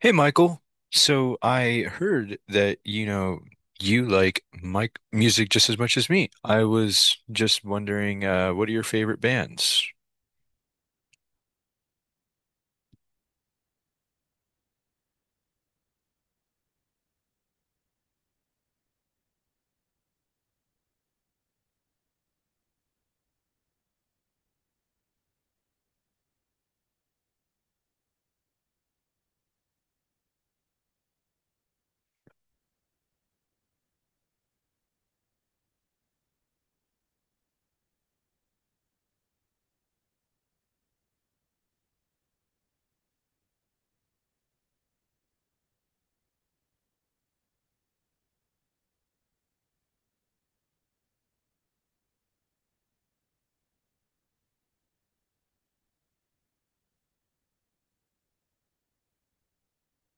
Hey Michael, so I heard that you know you like Mike music just as much as me. I was just wondering, what are your favorite bands?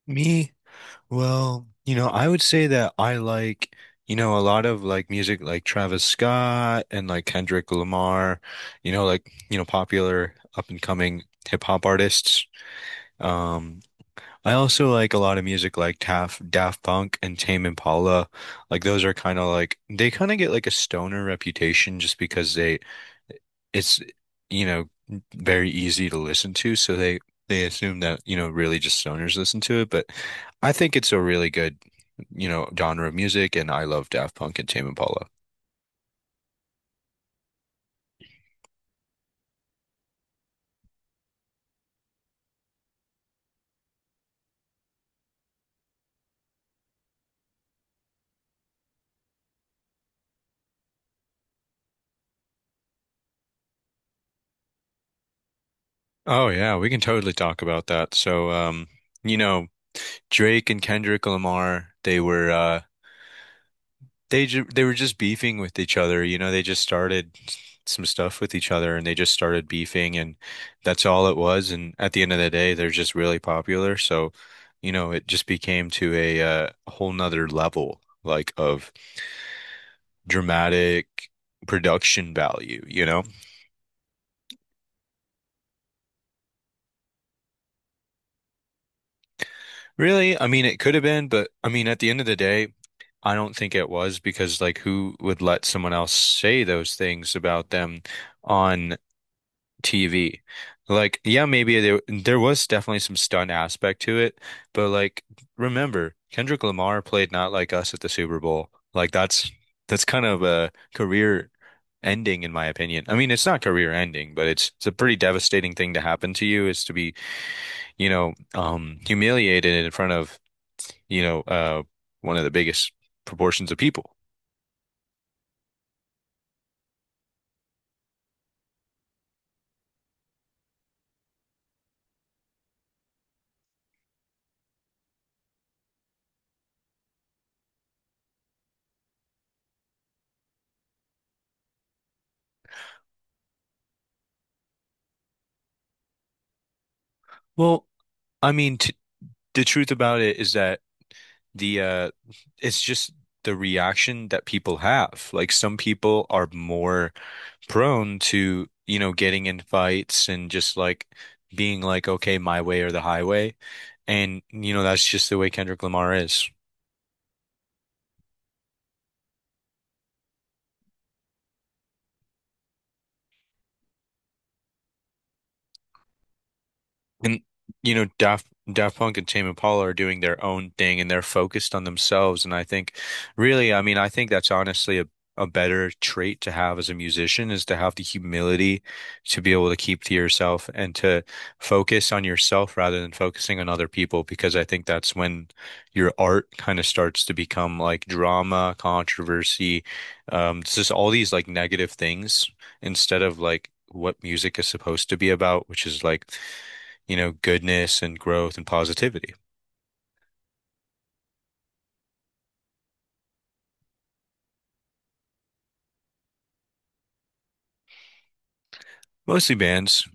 Me, Well, I would say that I like, a lot of like music like Travis Scott and like Kendrick Lamar, popular up and coming hip hop artists. Um, I also like a lot of music like Daft Punk and Tame Impala. Like those are kind of like they kind of get like a stoner reputation just because they it's you know very easy to listen to so they assume that you know really just stoners listen to it, but I think it's a really good, you know, genre of music, and I love Daft Punk and Tame Impala. Oh yeah, we can totally talk about that. So, you know, Drake and Kendrick Lamar, they were just beefing with each other. You know, they just started some stuff with each other and they just started beefing, and that's all it was. And at the end of the day, they're just really popular. So, you know, it just became to a whole nother level like of dramatic production value, you know? Really? I mean, it could have been, but I mean, at the end of the day, I don't think it was because, like, who would let someone else say those things about them on TV? Like, yeah, maybe there was definitely some stunt aspect to it, but like, remember, Kendrick Lamar played Not Like Us at the Super Bowl. Like, that's kind of a career ending, in my opinion. I mean, it's not career ending, but it's a pretty devastating thing to happen to you, is to be, humiliated in front of, you know, one of the biggest proportions of people. Well, I mean, t the truth about it is that the it's just the reaction that people have. Like some people are more prone to, you know, getting in fights and just like being like, okay, my way or the highway. And, you know, that's just the way Kendrick Lamar is. And you know, Daft Punk and Tame Impala are doing their own thing and they're focused on themselves. And I think really, I mean, I think that's honestly a better trait to have as a musician is to have the humility to be able to keep to yourself and to focus on yourself rather than focusing on other people, because I think that's when your art kind of starts to become like drama, controversy, it's just all these like negative things instead of like what music is supposed to be about, which is like, you know, goodness and growth and positivity. Mostly bands.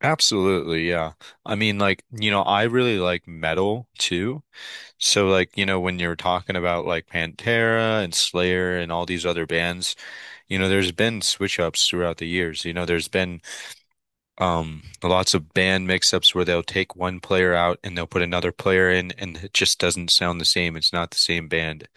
Absolutely, yeah. I mean, like, you know, I really like metal too. So, like, you know, when you're talking about like Pantera and Slayer and all these other bands, you know, there's been switch ups throughout the years. You know, there's been lots of band mix ups where they'll take one player out and they'll put another player in and it just doesn't sound the same. It's not the same band.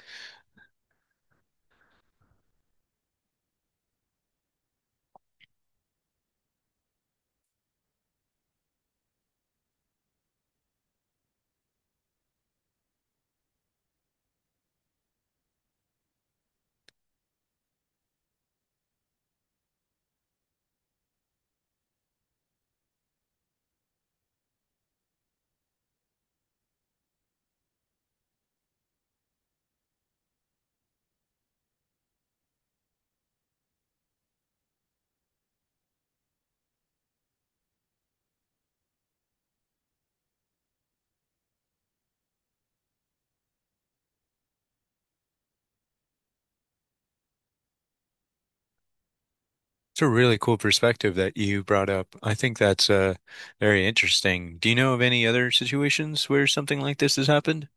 It's a really cool perspective that you brought up. I think that's very interesting. Do you know of any other situations where something like this has happened?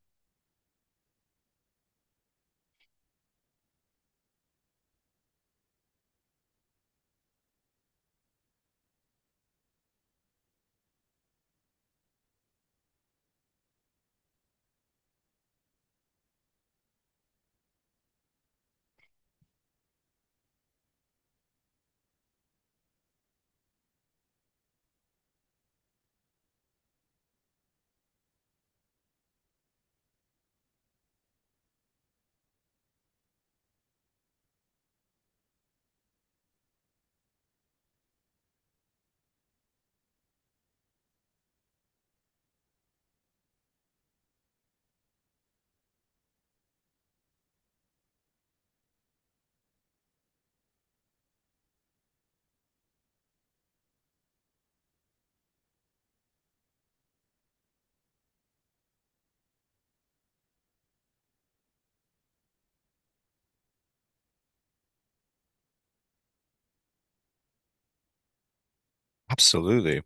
Absolutely.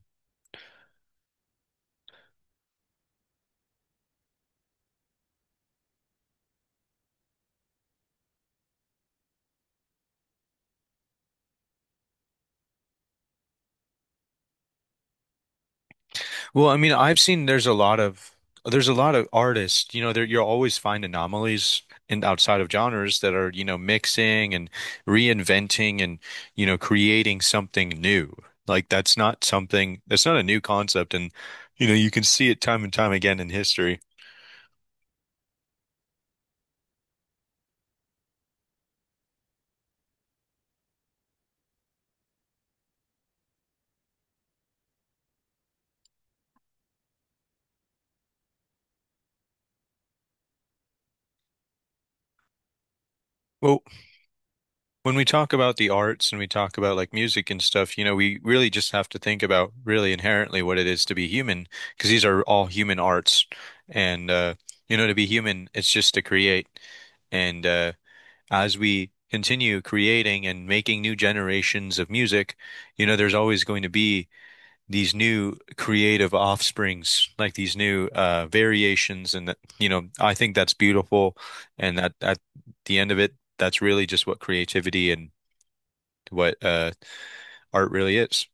Well, I mean, I've seen there's a lot of artists, you know, there you'll always find anomalies in outside of genres that are, you know, mixing and reinventing and, you know, creating something new. Like that's not a new concept. And you know, you can see it time and time again in history. Well, when we talk about the arts and we talk about like music and stuff, you know, we really just have to think about really inherently what it is to be human, because these are all human arts. And, you know, to be human, it's just to create. And as we continue creating and making new generations of music, you know, there's always going to be these new creative offsprings, like these new variations. And that, you know, I think that's beautiful. And that at the end of it, that's really just what creativity and what art really is.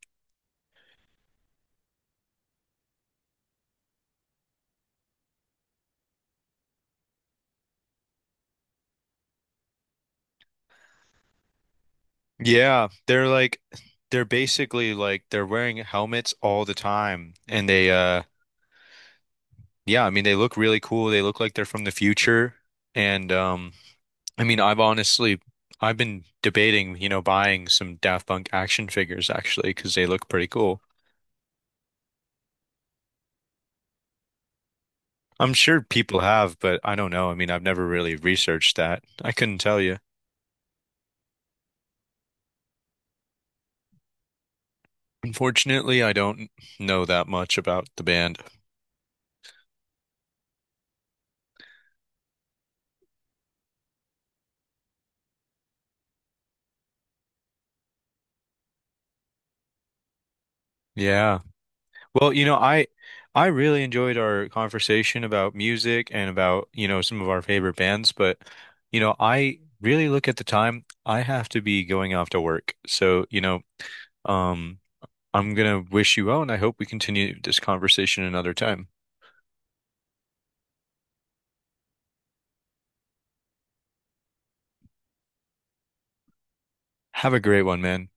Yeah, they're like they're basically like they're wearing helmets all the time and they yeah, I mean they look really cool. They look like they're from the future and I mean, I've been debating, you know, buying some Daft Punk action figures actually because they look pretty cool. I'm sure people have, but I don't know. I mean, I've never really researched that. I couldn't tell you. Unfortunately, I don't know that much about the band. Yeah. Well, you know, I really enjoyed our conversation about music and about, you know, some of our favorite bands, but you know, I really look at the time. I have to be going off to work. So, you know, um I'm gonna wish you well, and I hope we continue this conversation another time. Have a great one, man.